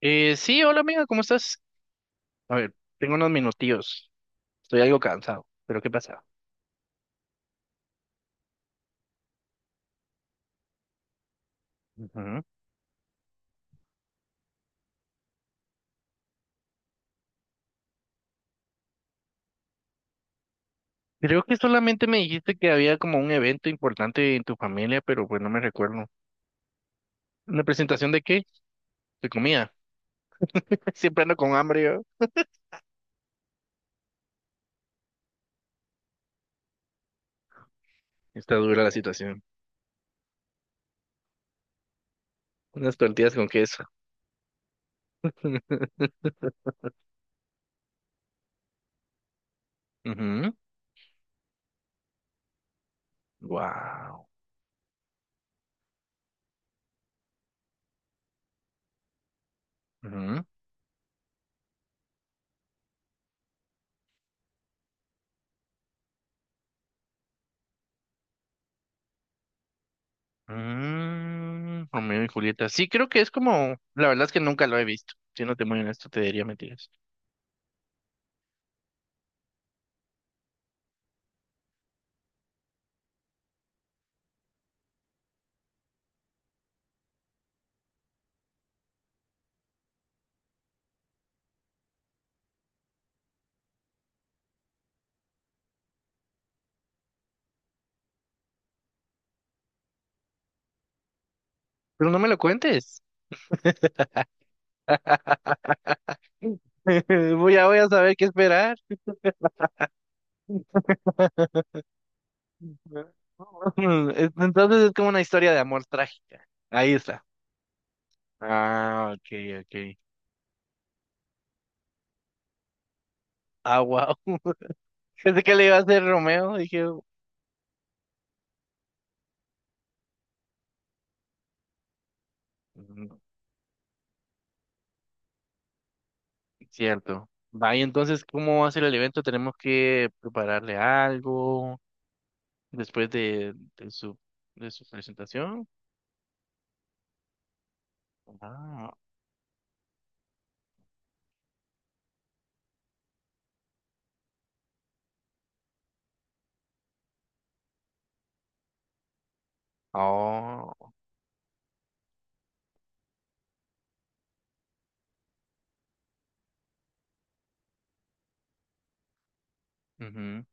Sí, hola amiga, ¿cómo estás? A ver, tengo unos minutillos. Estoy algo cansado, pero ¿qué pasa? Ujú. Creo que solamente me dijiste que había como un evento importante en tu familia, pero pues no me recuerdo. ¿Una presentación de qué? De comida. Siempre ando con hambre yo. Está dura la situación. Unas tortillas con queso. Ujú. Wow. Ujú. Mm, Romeo y Julieta. Sí, creo que es como, la verdad es que nunca lo he visto. Si no te muy honesto, te diría mentiras. Pero no me lo cuentes. Voy a saber qué esperar. Entonces es como una historia de amor trágica. Ahí está. Ah, ok, ok. Ah, wow. Pensé que le iba a hacer Romeo. Dije, "Mm, cierto. Vaya, entonces, ¿cómo va a ser el evento? Tenemos que prepararle algo después de su presentación. Ah, oh, ujú.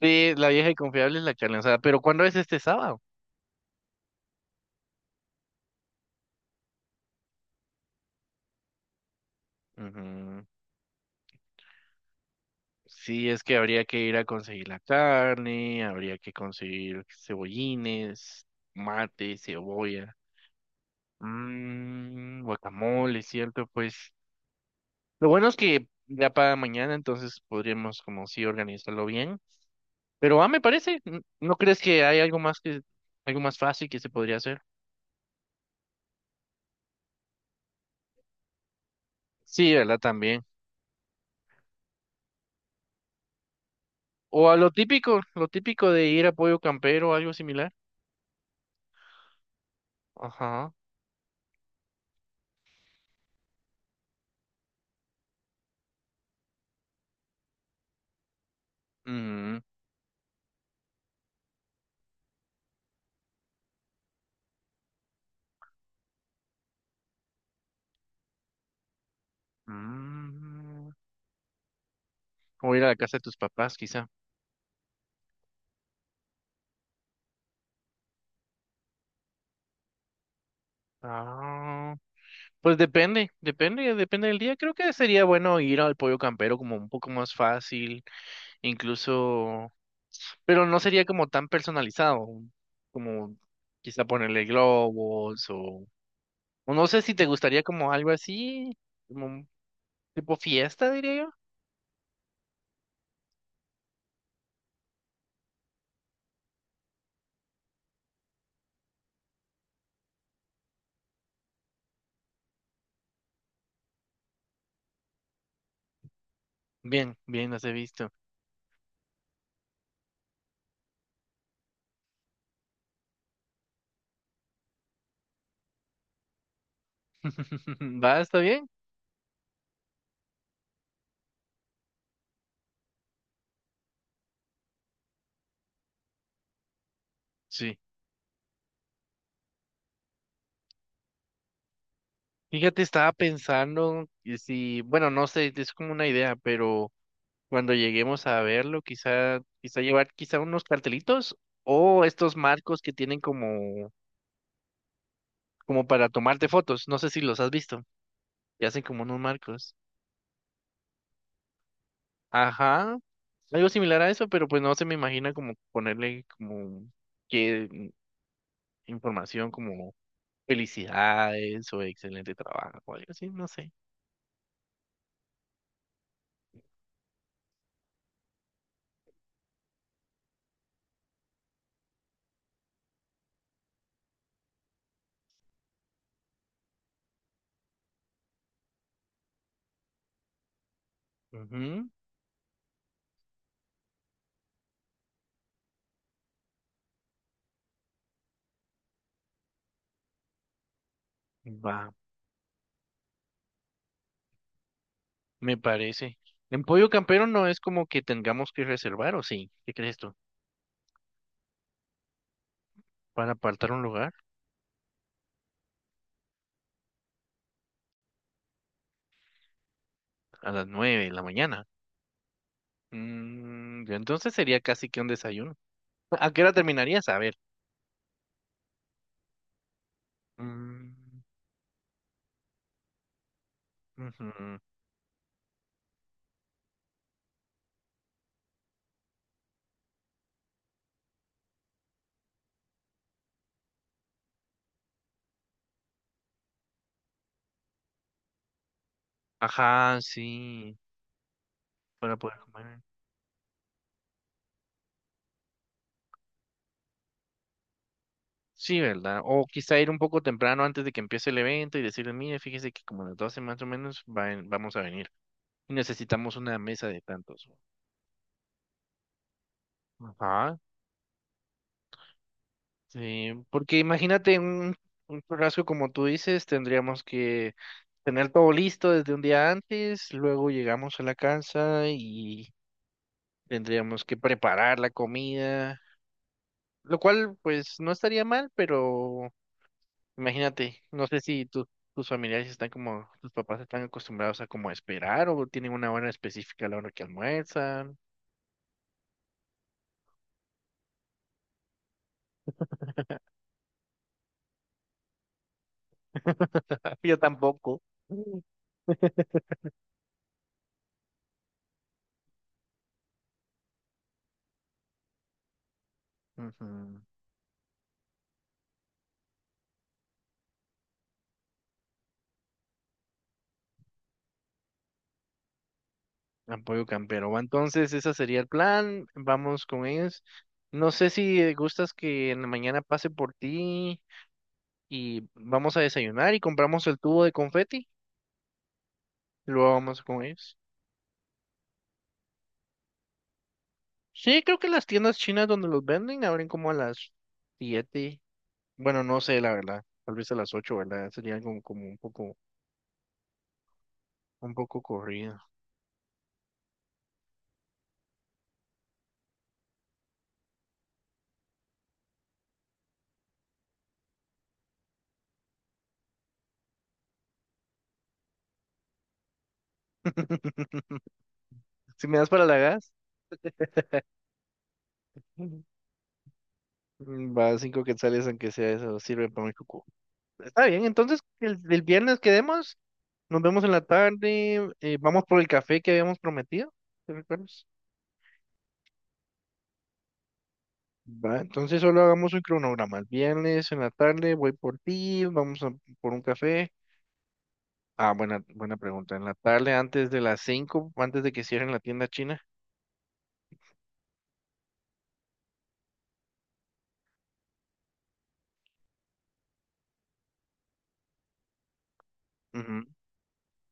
Sí, la vieja y confiable es la que lanzada. Pero ¿cuándo es este sábado? Ujú. Sí, es que habría que ir a conseguir la carne, habría que conseguir cebollines, mate, cebolla, guacamole, ¿cierto? Pues lo bueno es que ya para mañana, entonces podríamos como sí organizarlo bien. Pero ah, me parece, ¿no crees que hay algo más fácil que se podría hacer? Sí, ¿verdad? También. O a lo típico de ir a Pollo Campero o algo similar. Ajá. Mm, mm. O ir a la casa de tus papás, quizá. Ah, pues depende, depende, depende del día. Creo que sería bueno ir al pollo campero como un poco más fácil, incluso, pero no sería como tan personalizado, como quizá ponerle globos o no sé si te gustaría como algo así, como un tipo fiesta, diría yo. Bien, bien, las he visto. ¿Va? ¿Está bien? Sí. Fíjate, estaba pensando y si, bueno, no sé, es como una idea, pero cuando lleguemos a verlo, quizá, quizá llevar quizá unos cartelitos o estos marcos que tienen como, como para tomarte fotos. No sé si los has visto. Y hacen como unos marcos. Ajá. Algo similar a eso, pero pues no se me imagina como ponerle como qué información como felicidades o excelente trabajo o algo así, no sé. Ujú. Va, me parece. En Pollo Campero no es como que tengamos que reservar, ¿o sí? ¿Qué crees tú? Para apartar un lugar. A las nueve de la mañana. Ya entonces sería casi que un desayuno. ¿A qué hora terminarías? A ver. Mm, ujú. Ajá, sí. Para poder comer. Sí, ¿verdad? O quizá ir un poco temprano antes de que empiece el evento y decirle, mire, fíjese que como a las 12 más o menos va en- vamos a venir. Y necesitamos una mesa de tantos. Ajá, sí. Porque imagínate un churrasco como tú dices, tendríamos que tener todo listo desde un día antes, luego llegamos a la casa y tendríamos que preparar la comida, lo cual pues no estaría mal, pero imagínate, no sé si tus familiares están como, tus papás están acostumbrados a como esperar o tienen una hora específica a la hora que almuerzan. Yo tampoco. Mm. Ujú. Apoyo campero. Va, entonces, ese sería el plan. Vamos con ellos. No sé si gustas que en la mañana pase por ti y vamos a desayunar y compramos el tubo de confeti y luego vamos con ellos. Sí, creo que las tiendas chinas donde los venden abren como a las siete. Bueno, no sé, la verdad. Tal vez a las ocho, ¿verdad? Sería como, como un poco corrido. Si me das para la gas, va cinco quetzales, aunque sea eso, sirve para mi cucu. Está bien, entonces el viernes quedemos, nos vemos en la tarde, vamos por el café que habíamos prometido, ¿te recuerdas? Va, entonces solo hagamos un cronograma. El viernes en la tarde voy por ti, por un café. Ah, buena, buena pregunta. En la tarde, antes de las 5, antes de que cierren la tienda china. Ujú.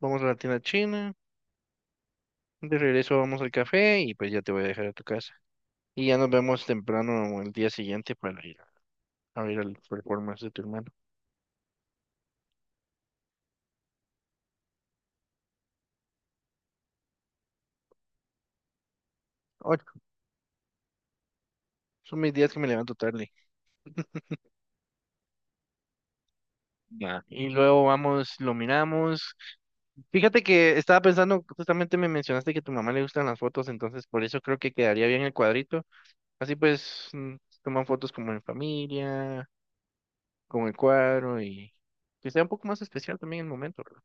Vamos a la tienda china, de regreso vamos al café y pues ya te voy a dejar a tu casa. Y ya nos vemos temprano el día siguiente para ir a ver el performance de tu hermano. Oye, son mis días que me levanto tarde. Ya. Y luego vamos, lo miramos. Fíjate que estaba pensando, justamente me mencionaste que a tu mamá le gustan las fotos, entonces por eso creo que quedaría bien el cuadrito. Así pues, toman fotos como en familia, con el cuadro y que sea un poco más especial también el momento, ¿verdad?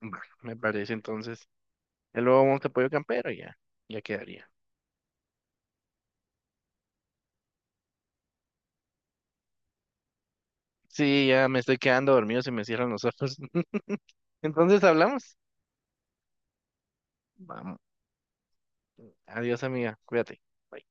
Bueno, me parece entonces. Y luego un apoyo campero y ya, ya quedaría. Sí, ya me estoy quedando dormido, se me cierran los ojos. Entonces hablamos. Vamos. Adiós, amiga. Cuídate. Bye.